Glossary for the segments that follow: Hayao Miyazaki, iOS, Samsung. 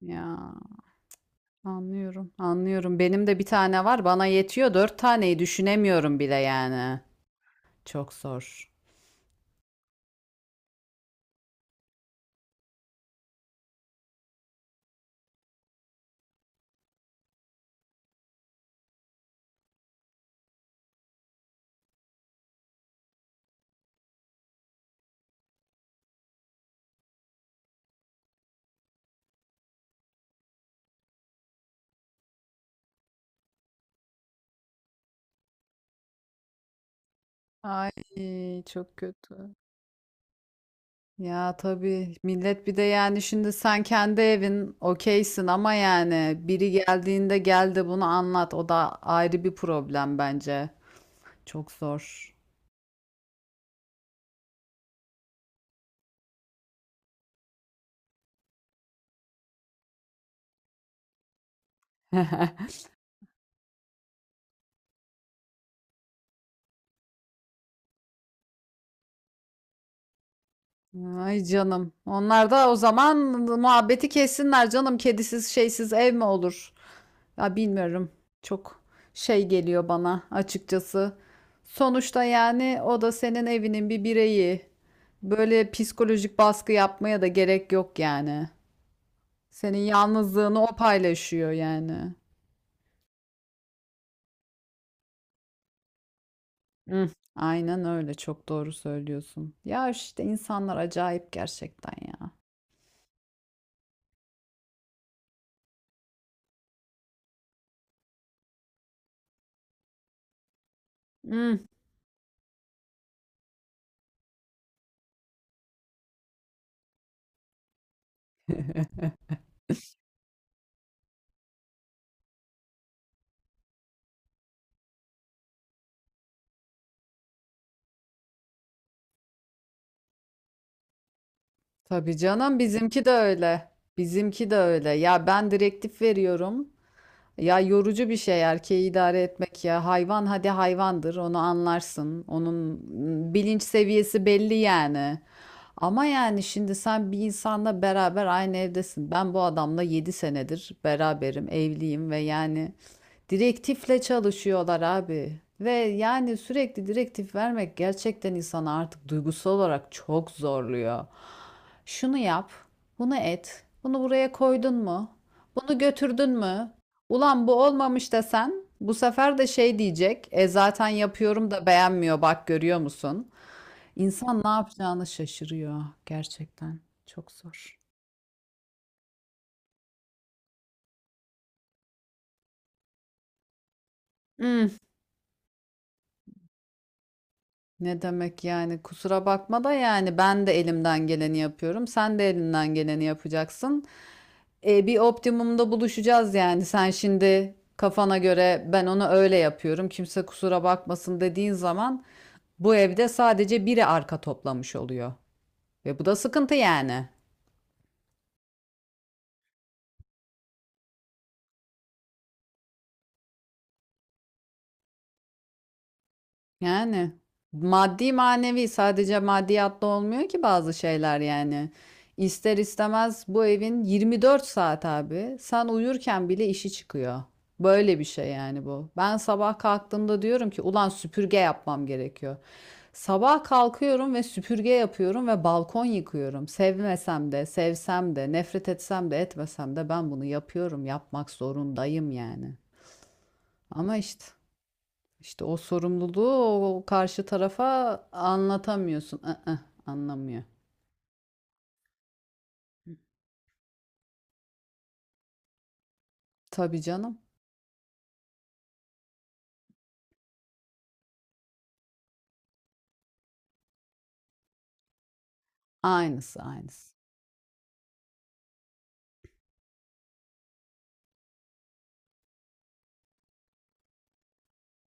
Ya anlıyorum, anlıyorum. Benim de bir tane var, bana yetiyor. Dört taneyi düşünemiyorum bile yani. Çok zor. Ay çok kötü. Ya tabii millet bir de yani şimdi sen kendi evin okeysin ama yani biri geldiğinde geldi bunu anlat. O da ayrı bir problem bence. Çok zor. Ay canım. Onlar da o zaman muhabbeti kessinler canım. Kedisiz şeysiz ev mi olur? Ya bilmiyorum. Çok şey geliyor bana açıkçası. Sonuçta yani o da senin evinin bir bireyi. Böyle psikolojik baskı yapmaya da gerek yok yani. Senin yalnızlığını o paylaşıyor yani. Hı, aynen öyle, çok doğru söylüyorsun. Ya işte insanlar acayip gerçekten ya. Hı, tabii canım bizimki de öyle. Bizimki de öyle. Ya ben direktif veriyorum. Ya yorucu bir şey erkeği idare etmek ya. Hayvan hadi hayvandır onu anlarsın. Onun bilinç seviyesi belli yani. Ama yani şimdi sen bir insanla beraber aynı evdesin. Ben bu adamla 7 senedir beraberim, evliyim ve yani direktifle çalışıyorlar abi. Ve yani sürekli direktif vermek gerçekten insanı artık duygusal olarak çok zorluyor. Şunu yap, bunu et, bunu buraya koydun mu? Bunu götürdün mü? Ulan bu olmamış desen bu sefer de şey diyecek. E zaten yapıyorum da beğenmiyor, bak görüyor musun? İnsan ne yapacağını şaşırıyor gerçekten. Çok zor. Hmm, ne demek yani, kusura bakma da yani ben de elimden geleni yapıyorum. Sen de elinden geleni yapacaksın. E, bir optimumda buluşacağız yani. Sen şimdi kafana göre, ben onu öyle yapıyorum, kimse kusura bakmasın dediğin zaman bu evde sadece biri arka toplamış oluyor. Ve bu da sıkıntı yani. Yani maddi manevi, sadece maddiyatla olmuyor ki bazı şeyler yani. İster istemez bu evin 24 saat abi. Sen uyurken bile işi çıkıyor. Böyle bir şey yani bu. Ben sabah kalktığımda diyorum ki ulan süpürge yapmam gerekiyor. Sabah kalkıyorum ve süpürge yapıyorum ve balkon yıkıyorum. Sevmesem de, sevsem de, nefret etsem de, etmesem de ben bunu yapıyorum. Yapmak zorundayım yani. Ama işte o sorumluluğu, o karşı tarafa anlatamıyorsun. Iı, Anlamıyor. Tabii canım. Aynısı aynısı.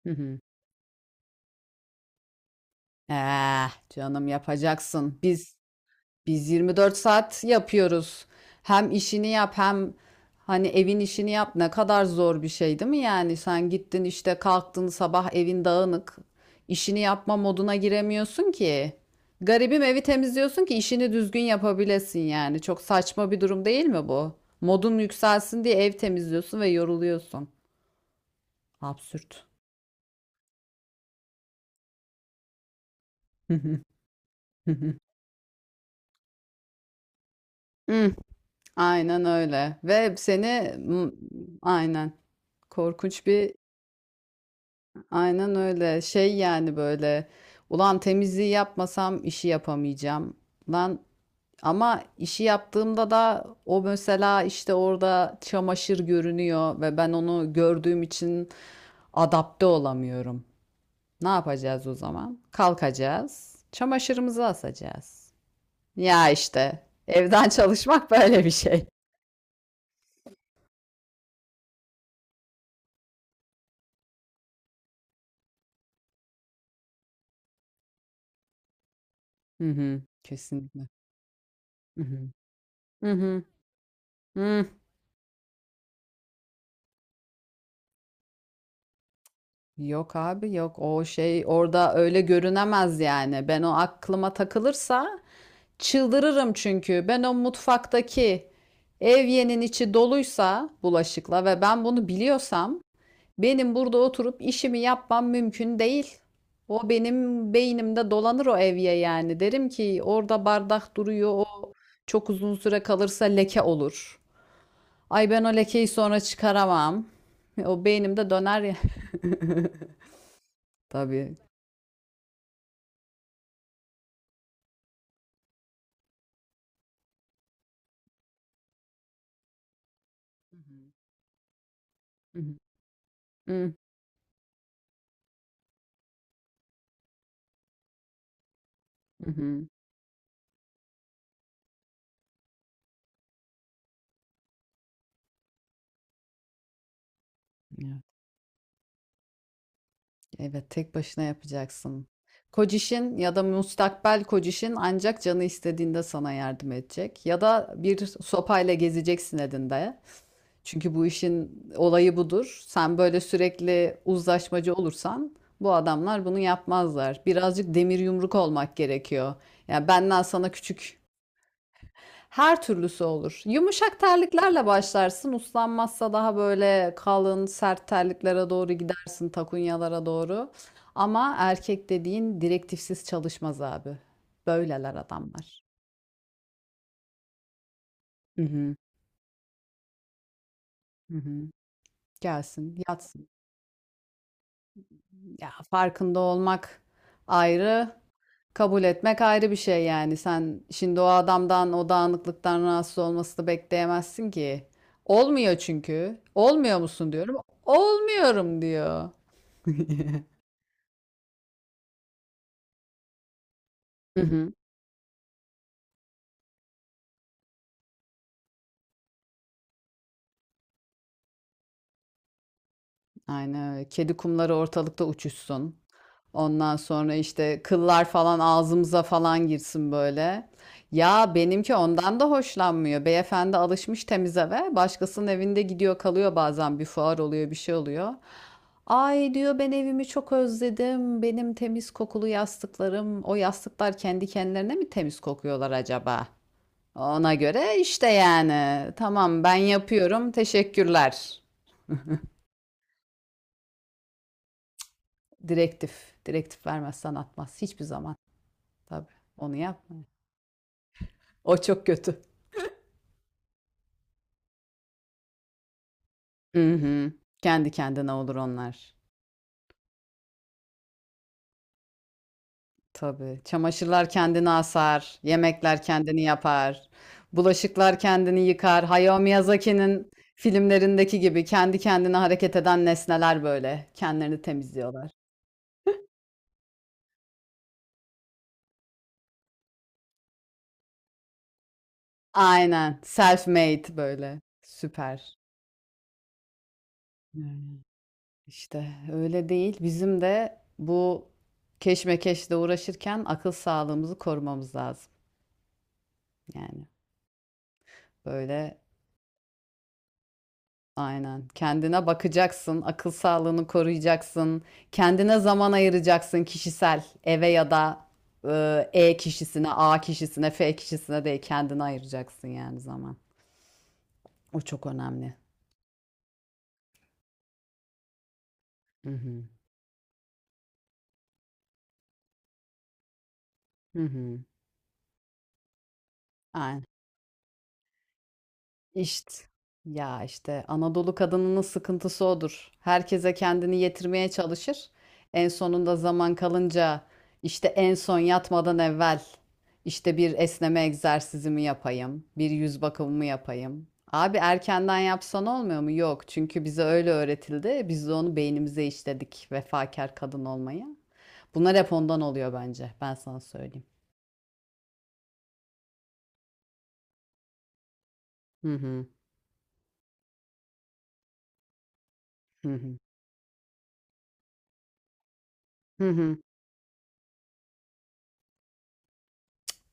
Hı hı. Eh, canım yapacaksın. Biz 24 saat yapıyoruz. Hem işini yap, hem hani evin işini yap. Ne kadar zor bir şey değil mi yani? Sen gittin işte, kalktın sabah evin dağınık. İşini yapma moduna giremiyorsun ki. Garibim evi temizliyorsun ki işini düzgün yapabilesin yani. Çok saçma bir durum değil mi bu? Modun yükselsin diye ev temizliyorsun ve yoruluyorsun. Absürt. Hmm, aynen öyle. Ve seni m, aynen korkunç bir Aynen öyle. Şey yani böyle. Ulan, temizliği yapmasam işi yapamayacağım. Lan ama işi yaptığımda da o, mesela işte, orada çamaşır görünüyor ve ben onu gördüğüm için adapte olamıyorum. Ne yapacağız o zaman? Kalkacağız. Çamaşırımızı asacağız. Ya işte evden çalışmak böyle bir şey. Hı hı, kesinlikle. Hı hı. Hı hı. Hı. Yok abi yok, o şey orada öyle görünemez yani. Ben o aklıma takılırsa çıldırırım çünkü. Ben o mutfaktaki evyenin içi doluysa bulaşıkla ve ben bunu biliyorsam, benim burada oturup işimi yapmam mümkün değil. O benim beynimde dolanır, o evye yani. Derim ki orada bardak duruyor, o çok uzun süre kalırsa leke olur. Ay ben o lekeyi sonra çıkaramam. O beynimde döner ya. Tabii. Hı hı. Hı hı. Hı, evet, evet, tek başına yapacaksın. Kocişin ya da müstakbel kocişin ancak canı istediğinde sana yardım edecek. Ya da bir sopayla gezeceksin elinde. Çünkü bu işin olayı budur. Sen böyle sürekli uzlaşmacı olursan bu adamlar bunu yapmazlar. Birazcık demir yumruk olmak gerekiyor. Yani benden sana küçük Her türlüsü olur. Yumuşak terliklerle başlarsın. Uslanmazsa daha böyle kalın, sert terliklere doğru gidersin, takunyalara doğru. Ama erkek dediğin direktifsiz çalışmaz abi. Böyleler adamlar. Hı hı, hı hı. Gelsin, yatsın. Ya farkında olmak ayrı, kabul etmek ayrı bir şey yani. Sen şimdi o adamdan, o dağınıklıktan rahatsız olmasını bekleyemezsin ki. Olmuyor çünkü. Olmuyor musun diyorum. Olmuyorum diyor. Hı hı. Aynen öyle. Kedi kumları ortalıkta uçuşsun. Ondan sonra işte kıllar falan ağzımıza falan girsin böyle. Ya benimki ondan da hoşlanmıyor. Beyefendi alışmış temiz eve. Başkasının evinde gidiyor kalıyor, bazen bir fuar oluyor, bir şey oluyor. Ay diyor, ben evimi çok özledim, benim temiz kokulu yastıklarım. O yastıklar kendi kendilerine mi temiz kokuyorlar acaba? Ona göre işte yani. Tamam ben yapıyorum. Teşekkürler. Direktif. Direktif vermez, atmaz. Hiçbir zaman. Tabii. Onu yapma. O çok kötü. Hı hı. Kendi kendine olur onlar. Tabii. Çamaşırlar kendini asar. Yemekler kendini yapar. Bulaşıklar kendini yıkar. Hayao Miyazaki'nin filmlerindeki gibi kendi kendine hareket eden nesneler böyle. Kendilerini temizliyorlar. Aynen. Self-made böyle. Süper. Evet. İşte öyle değil. Bizim de bu keşmekeşle uğraşırken akıl sağlığımızı korumamız lazım. Yani böyle aynen, kendine bakacaksın, akıl sağlığını koruyacaksın, kendine zaman ayıracaksın, kişisel eve ya da E kişisine, A kişisine, F kişisine değil kendine ayıracaksın yani zaman. O çok önemli. Hı hı. Hı hı. Aynen. İşte işte Anadolu kadınının sıkıntısı odur. Herkese kendini yetirmeye çalışır. En sonunda zaman kalınca, işte en son yatmadan evvel, işte bir esneme egzersizimi yapayım, bir yüz bakımımı yapayım. Abi erkenden yapsan olmuyor mu? Yok. Çünkü bize öyle öğretildi. Biz de onu beynimize işledik, vefakar kadın olmayı. Bunlar hep ondan oluyor bence. Ben sana söyleyeyim. Hı hı. Hı hı. Hı hı.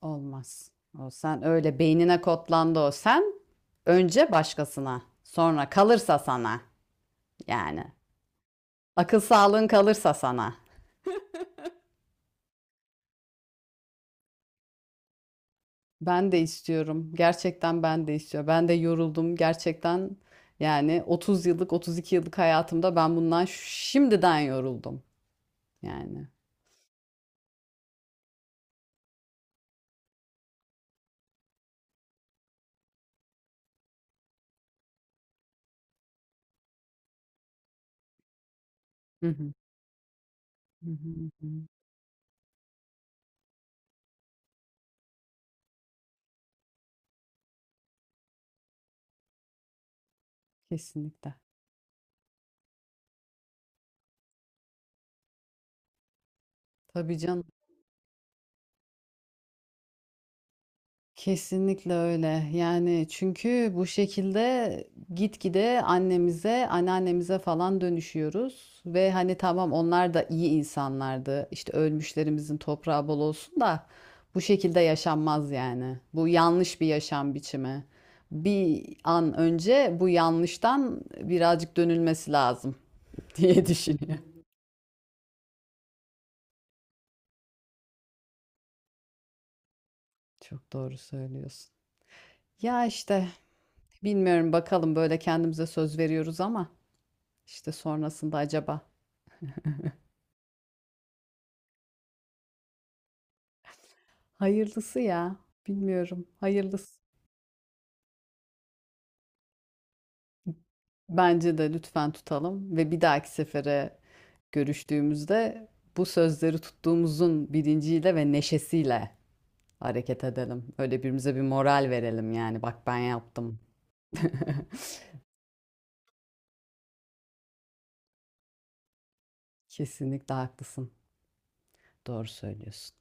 Olmaz. O sen öyle beynine kodlandı o sen. Önce başkasına, sonra kalırsa sana yani. Akıl sağlığın kalırsa sana. Ben de istiyorum. Gerçekten ben de istiyorum. Ben de yoruldum. Gerçekten yani 30 yıllık, 32 yıllık hayatımda ben bundan şimdiden yoruldum yani. Hı hı. Hı hı, hı hı. Kesinlikle. Tabii canım. Kesinlikle öyle. Yani çünkü bu şekilde gitgide annemize, anneannemize falan dönüşüyoruz. Ve hani tamam, onlar da iyi insanlardı, İşte ölmüşlerimizin toprağı bol olsun, da bu şekilde yaşanmaz yani. Bu yanlış bir yaşam biçimi. Bir an önce bu yanlıştan birazcık dönülmesi lazım diye düşünüyorum. Çok doğru söylüyorsun. Ya işte bilmiyorum, bakalım, böyle kendimize söz veriyoruz ama. İşte sonrasında acaba. Hayırlısı ya. Bilmiyorum. Hayırlısı. Bence de lütfen tutalım ve bir dahaki sefere görüştüğümüzde bu sözleri tuttuğumuzun bilinciyle ve neşesiyle hareket edelim. Öyle birbirimize bir moral verelim yani. Bak ben yaptım. Kesinlikle haklısın. Doğru söylüyorsun.